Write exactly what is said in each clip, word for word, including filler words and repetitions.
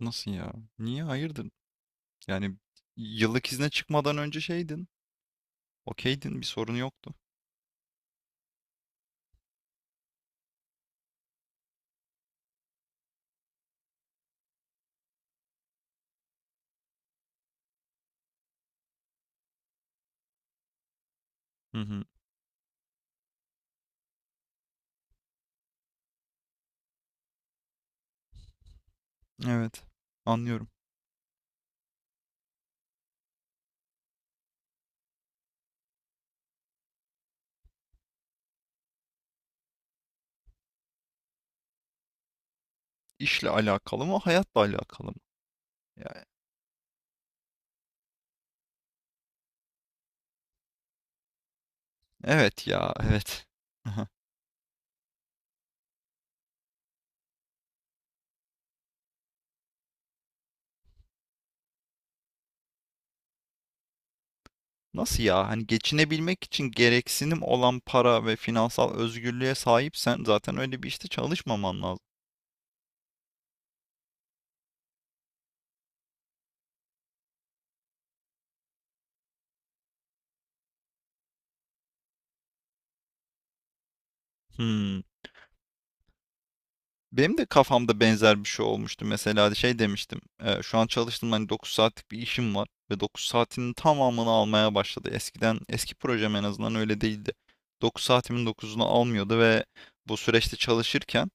Nasıl ya? Niye? Hayırdır? Yani, yıllık izne çıkmadan önce şeydin. Okeydin, bir sorun yoktu. Hı hı. Evet. Anlıyorum. İşle alakalı mı, hayatla alakalı mı? Yani, evet ya, evet. Aha. Nasıl ya? Hani geçinebilmek için gereksinim olan para ve finansal özgürlüğe sahipsen zaten öyle bir işte çalışmaman lazım. Hmm. Benim de kafamda benzer bir şey olmuştu. Mesela şey demiştim. E, şu an çalıştığım hani dokuz saatlik bir işim var ve dokuz saatinin tamamını almaya başladı. Eskiden eski projem en azından öyle değildi. dokuz saatimin dokuzunu almıyordu ve bu süreçte çalışırken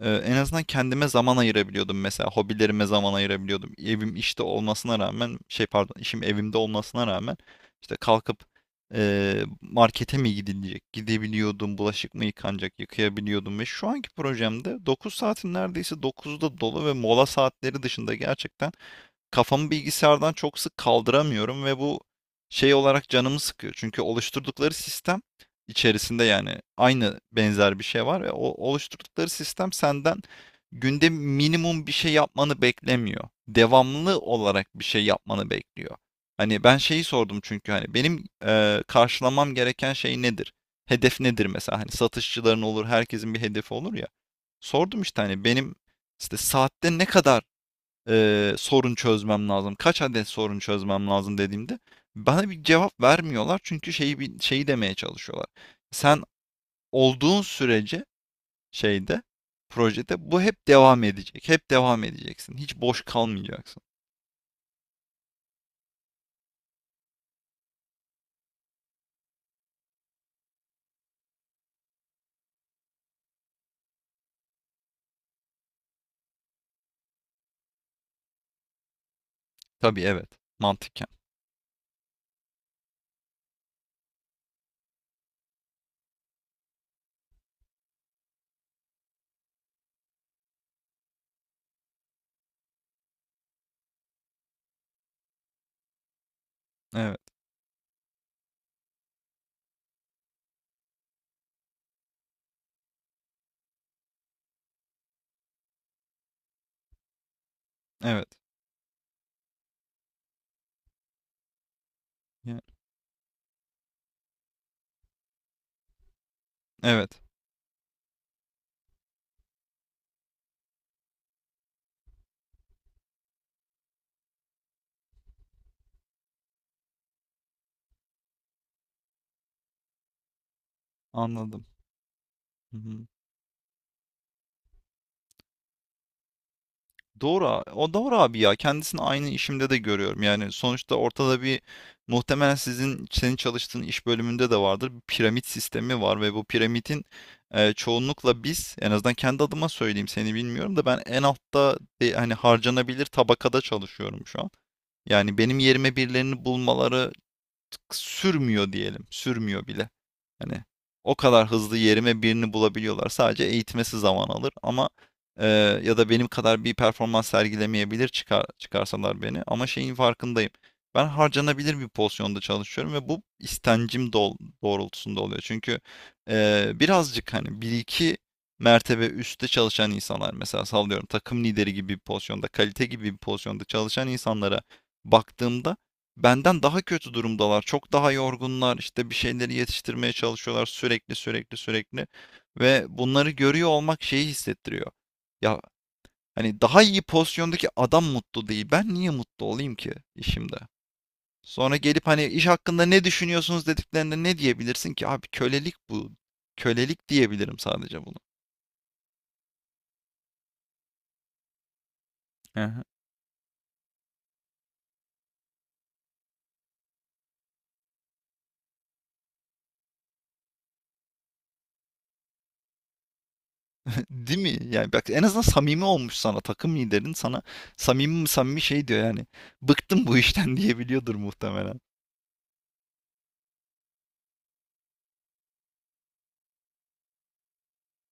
ee, en azından kendime zaman ayırabiliyordum mesela. Hobilerime zaman ayırabiliyordum. Evim işte olmasına rağmen şey pardon, işim evimde olmasına rağmen işte kalkıp e, markete mi gidilecek? Gidebiliyordum. Bulaşık mı yıkanacak? Yıkayabiliyordum. Ve şu anki projemde dokuz saatin neredeyse dokuzu da dolu ve mola saatleri dışında gerçekten kafamı bilgisayardan çok sık kaldıramıyorum ve bu şey olarak canımı sıkıyor. Çünkü oluşturdukları sistem içerisinde yani aynı benzer bir şey var ve o oluşturdukları sistem senden günde minimum bir şey yapmanı beklemiyor. Devamlı olarak bir şey yapmanı bekliyor. Hani ben şeyi sordum çünkü hani benim eee, karşılamam gereken şey nedir? Hedef nedir mesela? Hani satışçıların olur, herkesin bir hedefi olur ya. Sordum işte hani benim işte saatte ne kadar e, sorun çözmem lazım, kaç adet sorun çözmem lazım dediğimde bana bir cevap vermiyorlar çünkü şeyi bi- şeyi demeye çalışıyorlar. Sen olduğun sürece şeyde, projede bu hep devam edecek, hep devam edeceksin, hiç boş kalmayacaksın. Tabii, evet, mantıken. Evet, evet, yani, evet, anladım. Hı hı. Doğru, a- o doğru abi ya. Kendisini aynı işimde de görüyorum. Yani sonuçta ortada bir, muhtemelen sizin senin çalıştığın iş bölümünde de vardır. Bir piramit sistemi var ve bu piramitin e, çoğunlukla biz, en azından kendi adıma söyleyeyim seni bilmiyorum da, ben en altta, e, hani harcanabilir tabakada çalışıyorum şu an. Yani benim yerime birilerini bulmaları sürmüyor diyelim. Sürmüyor bile. Hani o kadar hızlı yerime birini bulabiliyorlar. Sadece eğitmesi zaman alır ama e, ya da benim kadar bir performans sergilemeyebilir çıkar, çıkarsalar beni. Ama şeyin farkındayım. Ben harcanabilir bir pozisyonda çalışıyorum ve bu istencim dol- doğrultusunda oluyor. Çünkü e, birazcık hani bir iki mertebe üstte çalışan insanlar, mesela sallıyorum takım lideri gibi bir pozisyonda, kalite gibi bir pozisyonda çalışan insanlara baktığımda, benden daha kötü durumdalar. Çok daha yorgunlar. İşte bir şeyleri yetiştirmeye çalışıyorlar sürekli sürekli sürekli. Ve bunları görüyor olmak şeyi hissettiriyor. Ya hani daha iyi pozisyondaki adam mutlu değil. Ben niye mutlu olayım ki işimde? Sonra gelip hani iş hakkında ne düşünüyorsunuz dediklerinde ne diyebilirsin ki? Abi, kölelik bu. Kölelik diyebilirim sadece bunu. Aha. Değil mi? Yani bak, en azından samimi olmuş sana. Takım liderin sana samimi samimi şey diyor yani. Bıktım bu işten diyebiliyordur muhtemelen.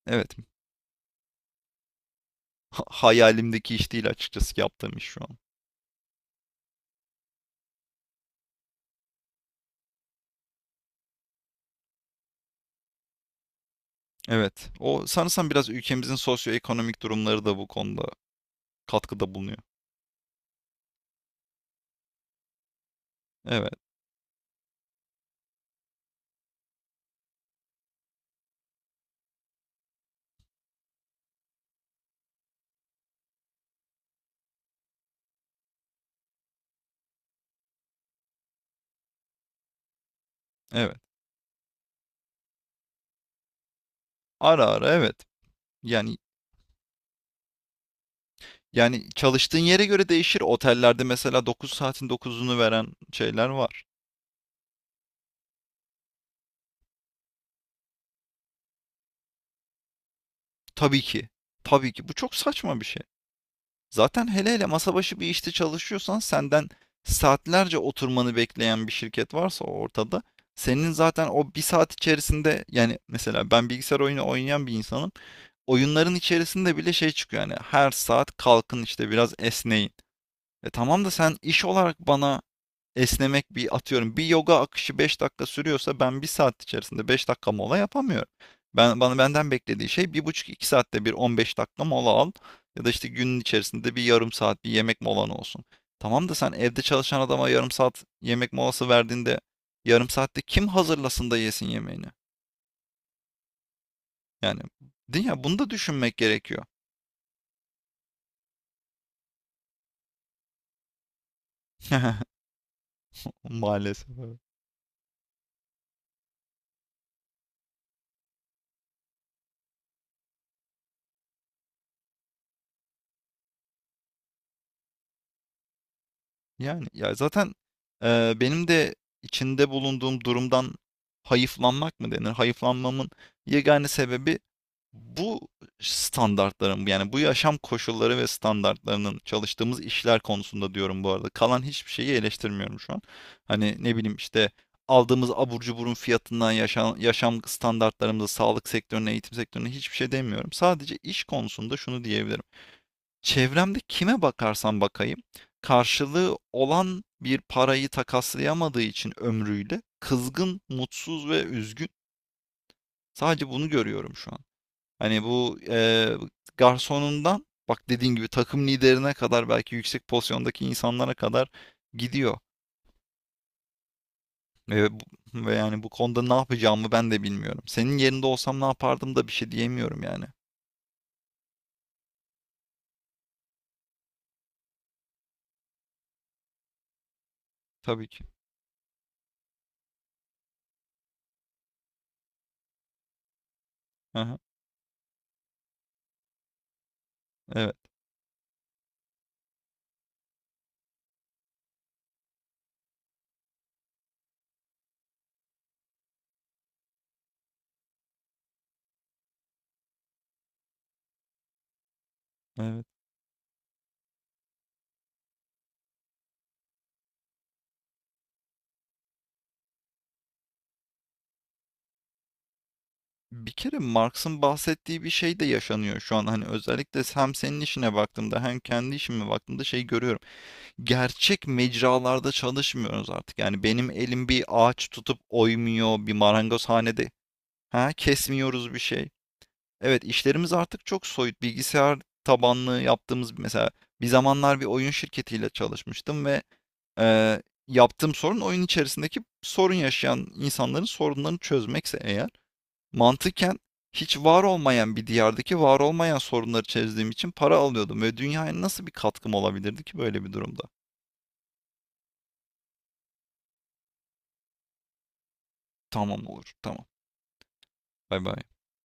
Evet. Ha- Hayalimdeki iş değil açıkçası yaptığım iş şu an. Evet. O sanırsam biraz ülkemizin sosyoekonomik durumları da bu konuda katkıda bulunuyor. Evet. Evet. Ara ara, evet. Yani yani çalıştığın yere göre değişir. Otellerde mesela dokuz saatin dokuzunu veren şeyler var. Tabii ki. Tabii ki. Bu çok saçma bir şey. Zaten hele hele masa başı bir işte çalışıyorsan, senden saatlerce oturmanı bekleyen bir şirket varsa ortada, senin zaten o bir saat içerisinde, yani mesela ben bilgisayar oyunu oynayan bir insanım. Oyunların içerisinde bile şey çıkıyor, yani her saat kalkın işte biraz esneyin. E tamam da sen iş olarak bana esnemek, bir atıyorum, bir yoga akışı beş dakika sürüyorsa, ben bir saat içerisinde beş dakika mola yapamıyorum. Ben bana benden beklediği şey bir buçuk iki saatte bir on beş dakika mola al ya da işte günün içerisinde bir yarım saat bir yemek molan olsun. Tamam da sen evde çalışan adama yarım saat yemek molası verdiğinde, yarım saatte kim hazırlasın da yesin yemeğini? Yani değil ya, bunu da düşünmek gerekiyor. Maalesef, evet. Yani ya zaten eee, benim de içinde bulunduğum durumdan hayıflanmak mı denir? Hayıflanmamın yegane sebebi bu standartların, yani bu yaşam koşulları ve standartlarının, çalıştığımız işler konusunda diyorum bu arada. Kalan hiçbir şeyi eleştirmiyorum şu an. Hani ne bileyim işte aldığımız abur cuburun fiyatından yaşam, yaşam standartlarımıza, sağlık sektörüne, eğitim sektörüne hiçbir şey demiyorum. Sadece iş konusunda şunu diyebilirim. Çevremde kime bakarsam bakayım, karşılığı olan bir parayı takaslayamadığı için ömrüyle kızgın, mutsuz ve üzgün. Sadece bunu görüyorum şu an. Hani bu eee, garsonundan, bak dediğin gibi, takım liderine kadar, belki yüksek pozisyondaki insanlara kadar gidiyor. Ve, bu- Ve yani bu konuda ne yapacağımı ben de bilmiyorum. Senin yerinde olsam ne yapardım da bir şey diyemiyorum yani. Tabii ki. Aha, evet, evet. Bir kere Marx'ın bahsettiği bir şey de yaşanıyor şu an. Hani özellikle hem senin işine baktığımda hem kendi işime baktığımda şey görüyorum. Gerçek mecralarda çalışmıyoruz artık. Yani benim elim bir ağaç tutup oymuyor, bir marangozhanede ha kesmiyoruz bir şey. Evet, işlerimiz artık çok soyut. Bilgisayar tabanlı yaptığımız, mesela bir zamanlar bir oyun şirketiyle çalışmıştım ve e, yaptığım sorun, oyun içerisindeki sorun yaşayan insanların sorunlarını çözmekse eğer, mantıken hiç var olmayan bir diyardaki var olmayan sorunları çözdüğüm için para alıyordum ve dünyaya nasıl bir katkım olabilirdi ki böyle bir durumda? Tamam, olur. Tamam. Bay bay.